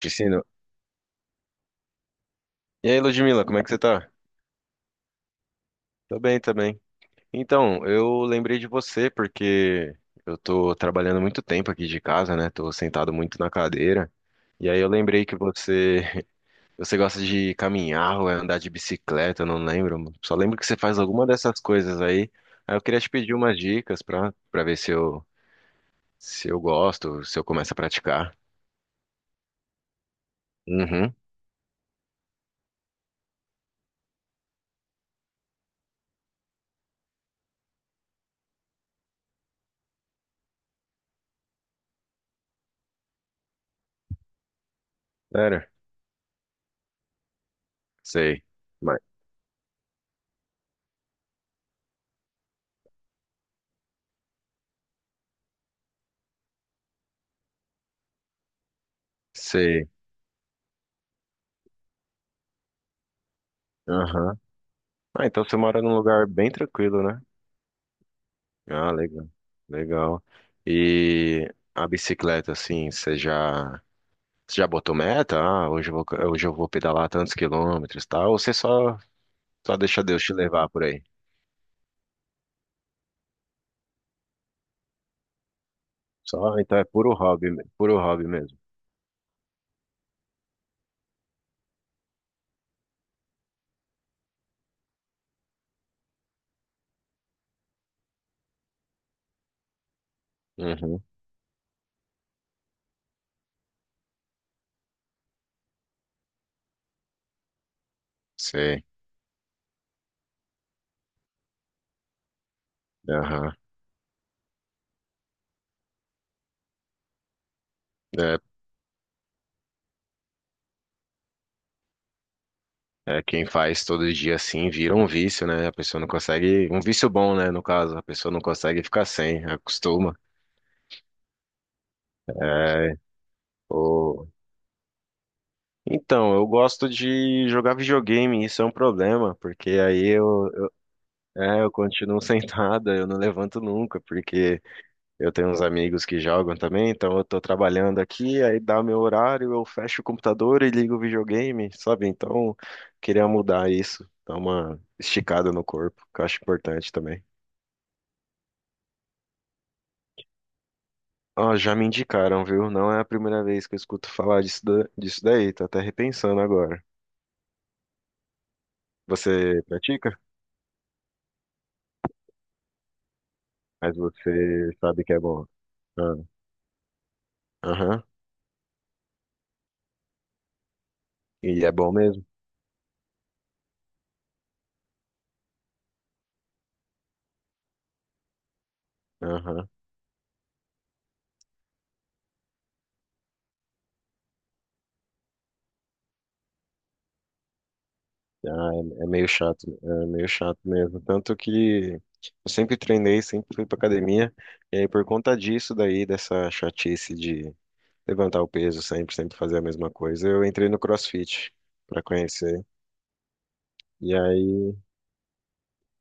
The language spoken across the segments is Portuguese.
Piscino. E aí, Ludmila, como é que você tá? Tô bem, tô bem. Então, eu lembrei de você porque eu tô trabalhando muito tempo aqui de casa, né? Tô sentado muito na cadeira. E aí eu lembrei que você gosta de caminhar ou é andar de bicicleta, eu não lembro. Só lembro que você faz alguma dessas coisas aí. Aí eu queria te pedir umas dicas pra ver se eu gosto, se eu começo a praticar. Uhum, sério? Sei. Mas, Sei. Aham. Ah, então você mora num lugar bem tranquilo, né? Ah, legal. Legal. E a bicicleta, assim, você já botou meta? Ah, hoje eu vou pedalar tantos quilômetros, e tal? Ou você só deixa Deus te levar por aí? Só, então é puro hobby, puro hobby mesmo. Uhum, sei. Aham. É, é quem faz todo dia assim vira um vício, né? A pessoa não consegue, um vício bom, né? No caso, a pessoa não consegue ficar sem, acostuma. É, então, eu gosto de jogar videogame, isso é um problema, porque aí é, eu continuo sentado, eu não levanto nunca, porque eu tenho uns amigos que jogam também, então eu tô trabalhando aqui, aí dá meu horário, eu fecho o computador e ligo o videogame, sabe? Então, queria mudar isso, dar uma esticada no corpo, que eu acho importante também. Ó, já me indicaram, viu? Não é a primeira vez que eu escuto falar disso, disso daí, tô até repensando agora. Você pratica? Mas você sabe que é bom. Ah. Aham. E é bom mesmo. Aham. Ah, é, é meio chato mesmo. Tanto que eu sempre treinei, sempre fui pra academia, e aí por conta disso daí, dessa chatice de levantar o peso sempre, sempre fazer a mesma coisa, eu entrei no CrossFit pra conhecer. E aí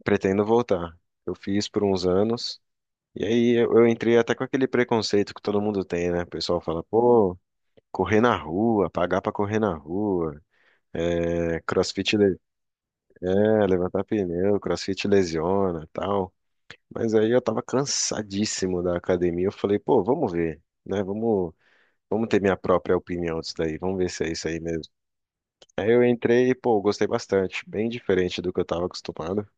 pretendo voltar. Eu fiz por uns anos, e aí eu entrei até com aquele preconceito que todo mundo tem, né? O pessoal fala, pô, correr na rua, pagar pra correr na rua, é CrossFit. É, levantar pneu, CrossFit lesiona e tal. Mas aí eu tava cansadíssimo da academia. Eu falei, pô, vamos ver, né? Vamos ter minha própria opinião disso daí. Vamos ver se é isso aí mesmo. Aí eu entrei e, pô, gostei bastante. Bem diferente do que eu tava acostumado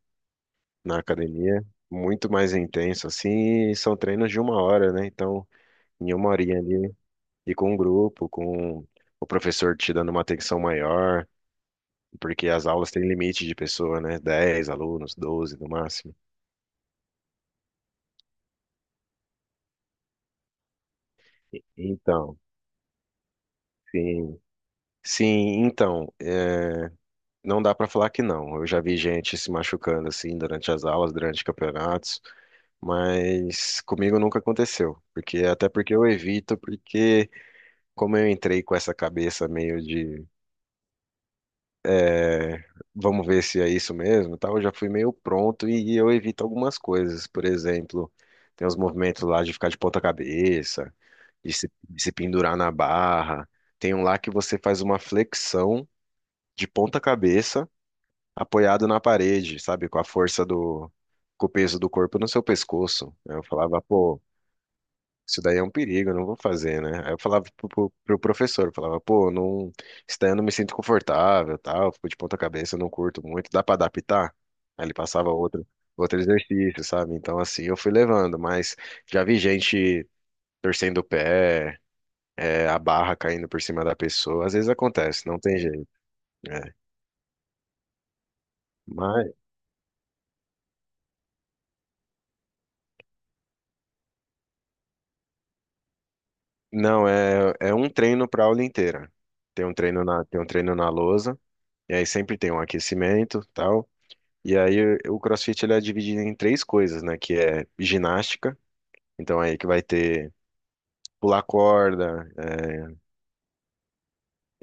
na academia. Muito mais intenso, assim. E são treinos de uma hora, né? Então, em uma horinha ali, e com um grupo, com o professor te dando uma atenção maior. Porque as aulas têm limite de pessoa, né? 10 alunos, 12 no máximo. Então, sim, sim, então, é, não dá para falar que não. Eu já vi gente se machucando assim durante as aulas, durante campeonatos, mas comigo nunca aconteceu, porque até porque eu evito, porque como eu entrei com essa cabeça meio de é, vamos ver se é isso mesmo, e tal, eu já fui meio pronto e eu evito algumas coisas. Por exemplo, tem os movimentos lá de ficar de ponta cabeça, de se pendurar na barra. Tem um lá que você faz uma flexão de ponta cabeça apoiado na parede, sabe? Com a força do, com o peso do corpo no seu pescoço. Aí eu falava, pô, isso daí é um perigo, eu não vou fazer, né? Aí eu falava pro professor, eu falava, pô, não, isso daí eu não me sinto confortável, tal, eu fico de ponta cabeça, eu não curto muito, dá pra adaptar? Aí ele passava outro exercício, sabe? Então assim, eu fui levando, mas já vi gente torcendo o pé, a barra caindo por cima da pessoa, às vezes acontece, não tem jeito, né? Mas Não, é um treino para aula inteira. Tem um treino na lousa, e aí sempre tem um aquecimento, tal. E aí o CrossFit ele é dividido em três coisas, né? Que é ginástica, então aí que vai ter pular corda,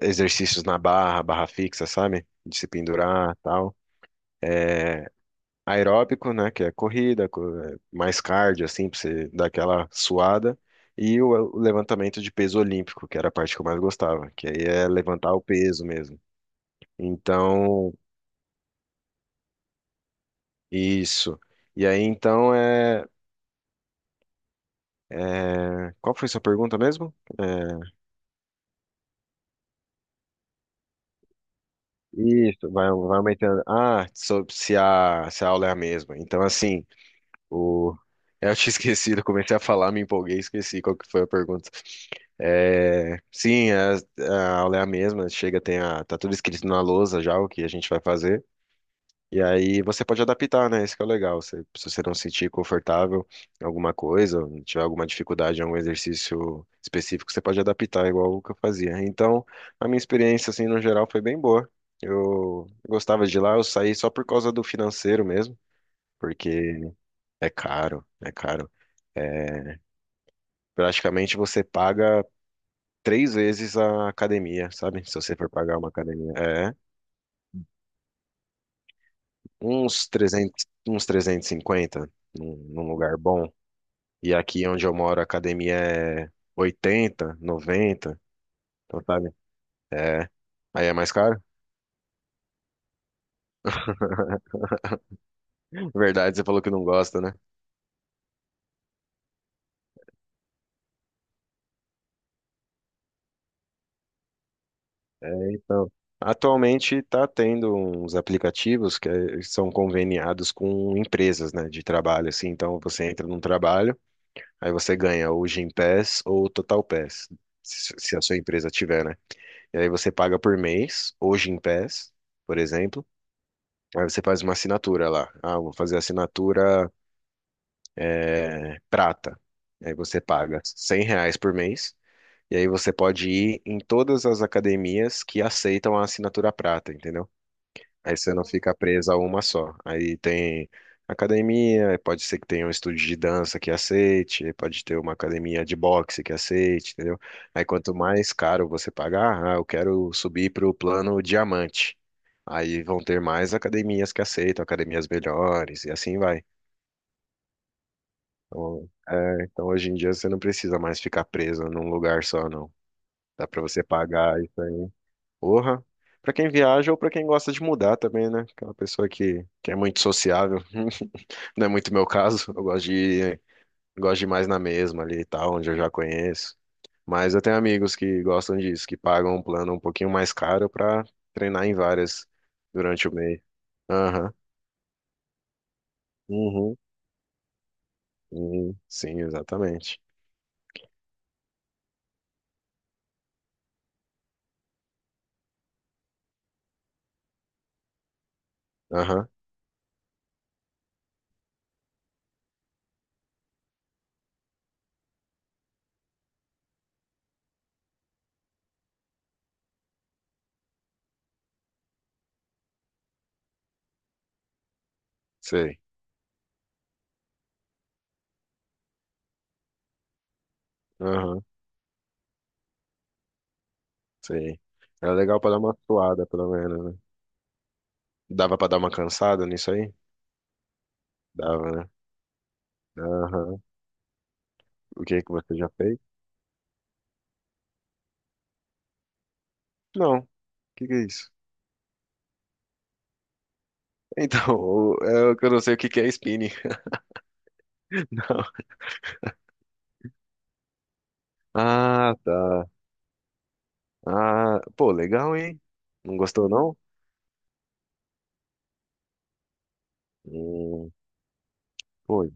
exercícios na barra, barra fixa, sabe? De se pendurar, tal. É, aeróbico, né? Que é corrida, mais cardio, assim, pra você dar aquela suada. E o levantamento de peso olímpico, que era a parte que eu mais gostava, que aí é levantar o peso mesmo. Então, isso. E aí, então, qual foi sua pergunta mesmo? É, isso, vai aumentando. Ah, sobre se a aula é a mesma. Então, assim, o... eu tinha esquecido, eu comecei a falar, me empolguei, esqueci qual que foi a pergunta. É, sim, a aula é a mesma, chega, tem a, tá tudo escrito na lousa já o que a gente vai fazer. E aí você pode adaptar, né? Isso que é o legal. Se você não se sentir confortável em alguma coisa, ou tiver alguma dificuldade em algum exercício específico, você pode adaptar, igual o que eu fazia. Então, a minha experiência, assim, no geral, foi bem boa. Eu gostava de ir lá, eu saí só por causa do financeiro mesmo, porque é caro, é caro. É, praticamente você paga três vezes a academia, sabe? Se você for pagar uma academia. É, uns 300 uns 350 num lugar bom. E aqui onde eu moro, a academia é 80 90 então sabe? É. Aí é mais caro? Verdade, você falou que não gosta, né? Então, atualmente está tendo uns aplicativos que são conveniados com empresas, né, de trabalho, assim. Então você entra num trabalho, aí você ganha ou o Gympass ou o Total Pass, se a sua empresa tiver, né? E aí você paga por mês, ou Gympass, por exemplo. Aí você faz uma assinatura lá. Ah, eu vou fazer assinatura prata. E aí você paga R$ 100 por mês. E aí você pode ir em todas as academias que aceitam a assinatura prata, entendeu? Aí você não fica preso a uma só. Aí tem academia, pode ser que tenha um estúdio de dança que aceite, aí pode ter uma academia de boxe que aceite, entendeu? Aí quanto mais caro você pagar, ah, eu quero subir para o plano diamante. Aí vão ter mais academias que aceitam, academias melhores, e assim vai. Então, hoje em dia você não precisa mais ficar preso num lugar só, não. Dá pra você pagar isso aí. Porra. Pra quem viaja ou pra quem gosta de mudar também, né? Aquela pessoa que é muito sociável. Não é muito meu caso. Eu gosto de ir mais na mesma ali e tal, onde eu já conheço. Mas eu tenho amigos que gostam disso, que pagam um plano um pouquinho mais caro pra treinar em várias durante o mês. Aham. Uhum. Sim, exatamente. Aham. Sei. Aham. Sei. Era legal pra dar uma suada, pelo menos, né? Dava pra dar uma cansada nisso aí? Dava, né? Aham. O que que você já fez? Não. O que que é isso? Então, é o que eu não sei o que que é spinning. Não. Ah, tá. Ah, pô, legal, hein? Não gostou, não? Hum, pô,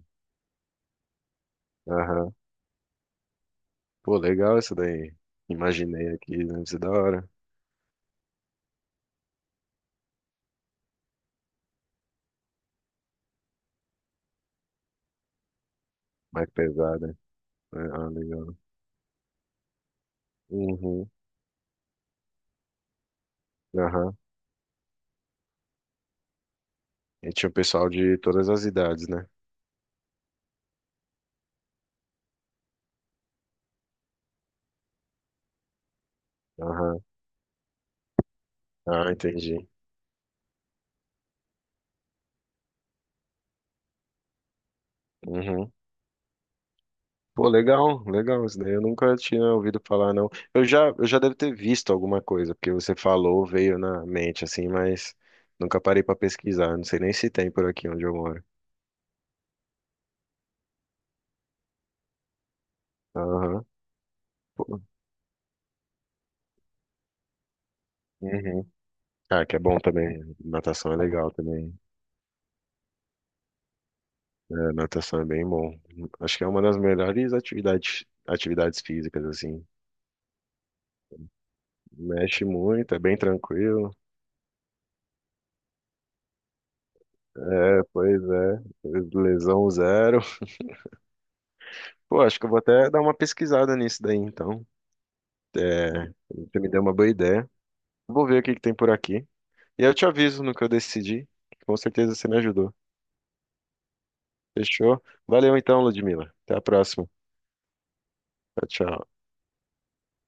aham. Pô, legal isso daí. Imaginei aqui, deve ser da hora. Mais pesada. É, ah, legal. Uhum, aham. E tinha o pessoal de todas as idades, né? Aham. Ah, entendi. Uhum. Pô, legal, legal. Isso daí eu nunca tinha ouvido falar, não. Eu já devo ter visto alguma coisa, porque você falou, veio na mente, assim, mas nunca parei pra pesquisar. Não sei nem se tem por aqui onde eu moro. Aham. Pô, uhum. Ah, que é bom também. Natação é legal também. É, natação é bem bom. Acho que é uma das melhores atividades, atividades físicas, assim. Mexe muito, é bem tranquilo. É, pois é. Lesão zero. Pô, acho que eu vou até dar uma pesquisada nisso daí, então. É, você me deu uma boa ideia. Vou ver o que que tem por aqui. E eu te aviso no que eu decidi. Que Com certeza você me ajudou. Fechou? Valeu então, Ludmila. Até a próxima. Tchau, tchau.